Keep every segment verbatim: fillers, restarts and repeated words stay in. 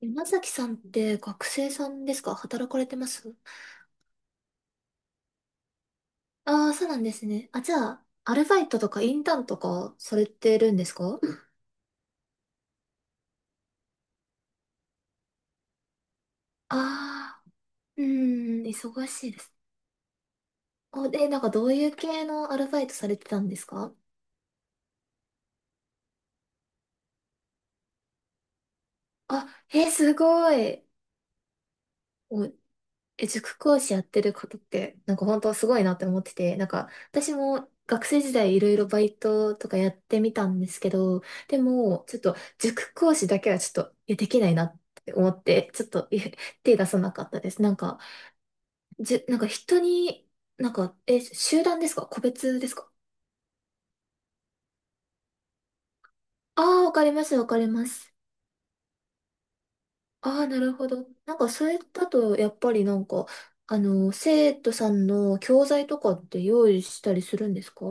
山崎さんって学生さんですか？働かれてます？ああー、そうなんですね。あ、じゃあ、アルバイトとかインターンとかされてるんですか？ああー、うーん、忙しいです。お、で、なんかどういう系のアルバイトされてたんですか？あ、えー、すごい。お。え、塾講師やってることって、なんか本当すごいなって思ってて、なんか私も学生時代いろいろバイトとかやってみたんですけど、でもちょっと塾講師だけはちょっとえできないなって思って、ちょっとえ手出さなかったです。なんか、じゅ、なんか人に、なんか、え、集団ですか個別ですか？ああー、わかります、わかります。ああ、なるほど。なんかそれだとやっぱりなんか、あの、生徒さんの教材とかって用意したりするんですか？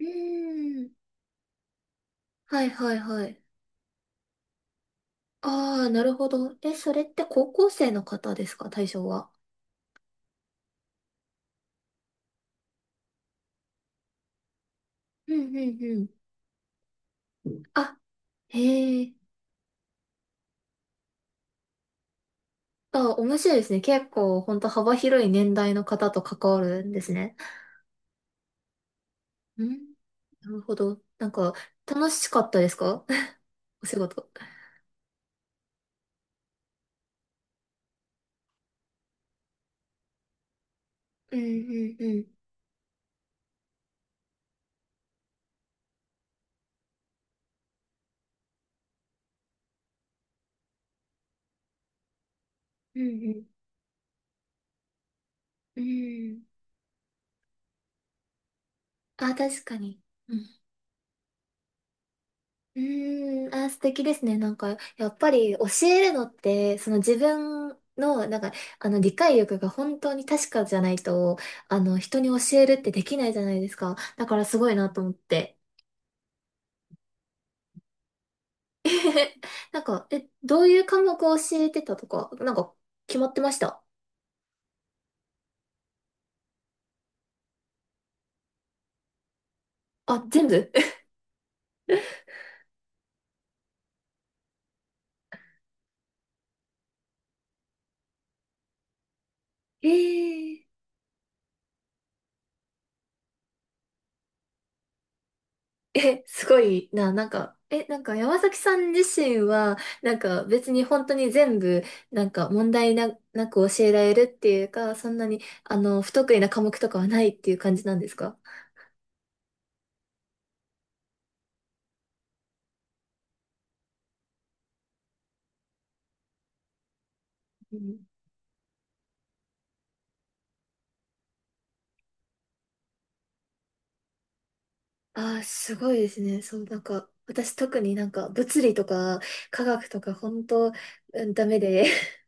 うーん。はいはいはい。ああ、なるほど。え、それって高校生の方ですか、対象は。うんうんうん。あ、へえ。あ、面白いですね。結構、本当幅広い年代の方と関わるんですね。うん。なるほど。なんか、楽しかったですか？ お仕事。うんうんうん。うんうん。うん。あ、確かに。うんうーん、あー、素敵ですね。なんか、やっぱり教えるのって、その自分の、なんか、あの、理解力が本当に確かじゃないと、あの、人に教えるってできないじゃないですか。だからすごいなと思って。なんか、え、どういう科目を教えてたとか、なんか、決まってました？あ、全部。 えええ、すごいな、なんか、え、なんか山崎さん自身は、なんか別に本当に全部、なんか問題な、なく教えられるっていうか、そんなに、あの、不得意な科目とかはないっていう感じなんですか？うん。ああ、すごいですね。そう、なんか、私特になんか物理とか科学とか本当、うん、ダメで、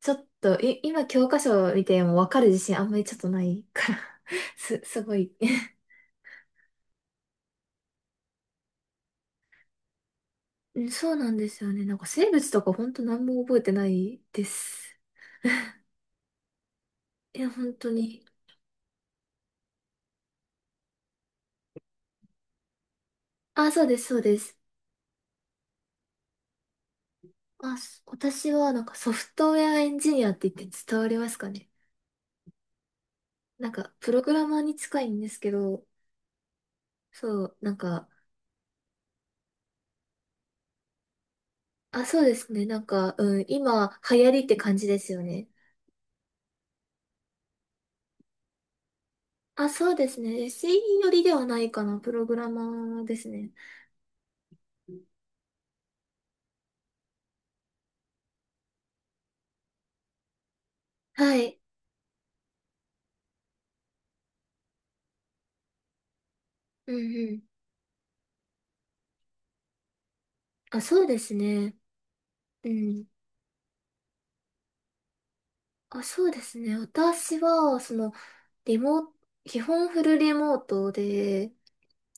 ちょっと、い、今教科書見てもわかる自信あんまりちょっとないから、す、すごい。うん、そうなんですよね。なんか生物とか本当何も覚えてないです。いや、本当に。あ、そうです、そうです。あ、す私はなんかソフトウェアエンジニアって言って伝わりますかね？なんかプログラマーに近いんですけど、そう、なんか、あ、そうですね。なんか、うん、今流行りって感じですよね。あ、そうですね。エスイー よりではないかな、プログラマーですね。はい。うんうん。あ、そうですね。うん、あ、そうですね。私は、その、リモート、基本フルリモートで、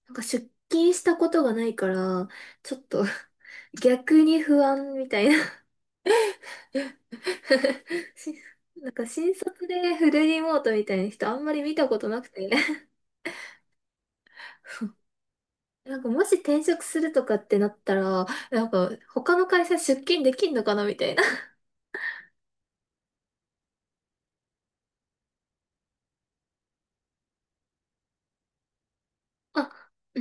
なんか出勤したことがないから、ちょっと 逆に不安みたいな。 しなんか新卒でフルリモートみたいな人あんまり見たことなくて。なんかもし転職するとかってなったら、なんか他の会社出勤できんのかなみたいな。あ、う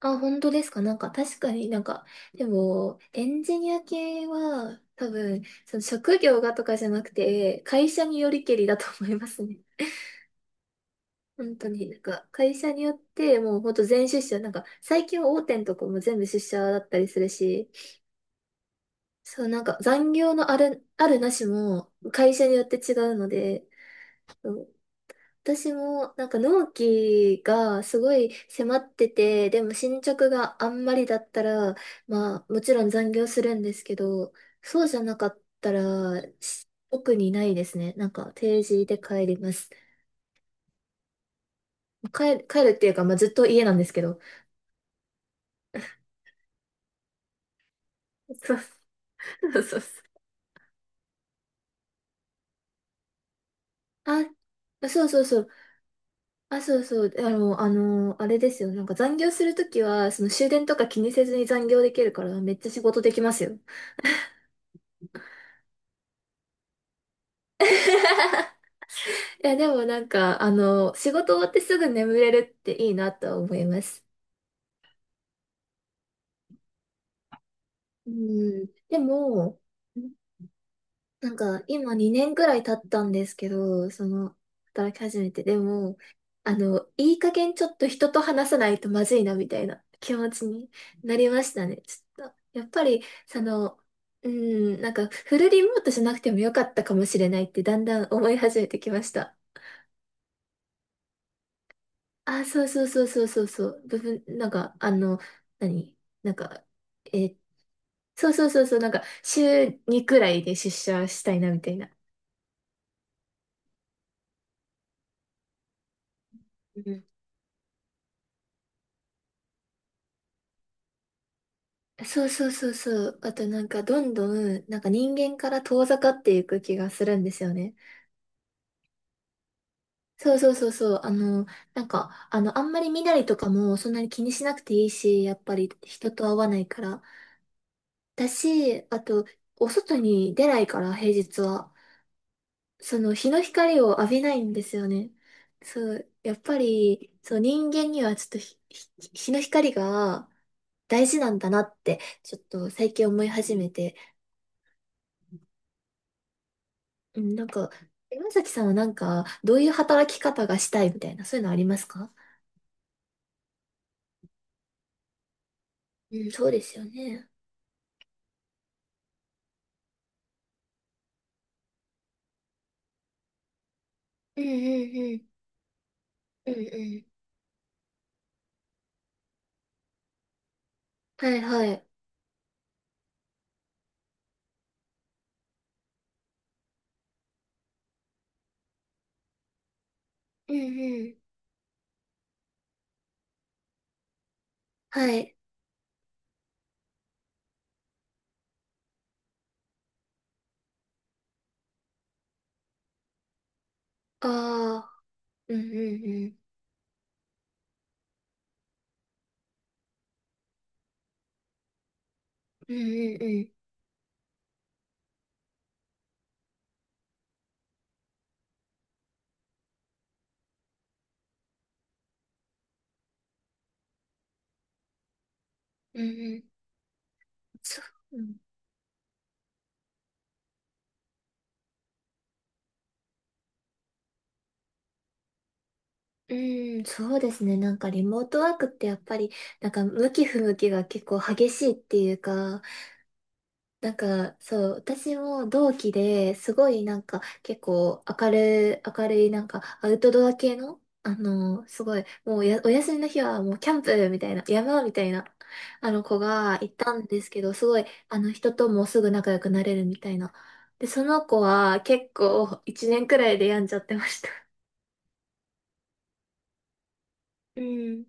あ、本当ですか。なんか確かになんか、でも、エンジニア系は多分、その職業がとかじゃなくて、会社によりけりだと思いますね。本当に、なんか会社によってもう本当全出社、なんか最近は大手のとこも全部出社だったりするし、そう、なんか残業のある、あるなしも会社によって違うので、私もなんか納期がすごい迫ってて、でも進捗があんまりだったら、まあもちろん残業するんですけど、そうじゃなかったら、し特にないですね。なんか定時で帰ります。帰る、帰るっていうか、まあずっと家なんですけど。そうそうそう。あ、そうそうそう。あ、そうそう。あの、あの、あれですよ。なんか残業するときは、その終電とか気にせずに残業できるから、めっちゃ仕事できますよ。いや、でもなんか、あの、仕事終わってすぐ眠れるっていいなとは思います。うん。でも、なんか、今にねんぐらい経ったんですけど、その、働き始めて、でも、あの、いい加減ちょっと人と話さないとまずいな、みたいな気持ちになりましたね。ちょっと、やっぱり、その、うん、なんか、フルリモートじゃなくてもよかったかもしれないって、だんだん思い始めてきました。あ、そうそうそうそうそうそう。部分、なんか、あの、何なんか、えーそうそうそうそう、なんか、週にくらいで出社したいな、みたいな。うん、そうそうそうそう。あとなんか、どんどん、なんか人間から遠ざかっていく気がするんですよね。そうそうそうそう。あの、なんか、あの、あんまり身なりとかもそんなに気にしなくていいし、やっぱり人と会わないから。だし、あと、お外に出ないから、平日は。その日の光を浴びないんですよね。そう、やっぱり、そう、人間にはちょっとひ、ひ日の光が大事なんだなって、ちょっと最近思い始めて、うん、なんか、山崎さんはなんか、どういう働き方がしたいみたいな、そういうのありますか？うん、そうですよね。うんうんうん。うんうん。はいはい。うんうん。はい。ああ。うんうんうん。うんうんうん。うんうん。そう。うーん、そうですね。なんかリモートワークってやっぱり、なんか向き不向きが結構激しいっていうか、なんかそう、私も同期ですごいなんか結構明るい、明るいなんかアウトドア系の、あの、すごい、もうやお休みの日はもうキャンプみたいな、山みたいな、あの子がいたんですけど、すごい、あの人ともすぐ仲良くなれるみたいな。で、その子は結構いちねんくらいで病んじゃってました。うん、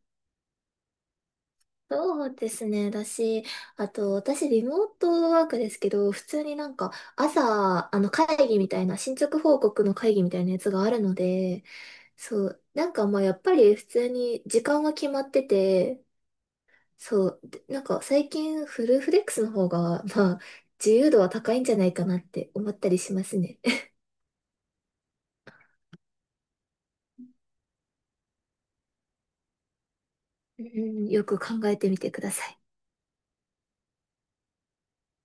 そうですね。だし、あと、私、リモートワークですけど、普通になんか、朝、あの、会議みたいな、進捗報告の会議みたいなやつがあるので、そう、なんかまあ、やっぱり普通に時間は決まってて、そう、でなんか最近、フルフレックスの方が、まあ、自由度は高いんじゃないかなって思ったりしますね。うん、よく考えてみてください。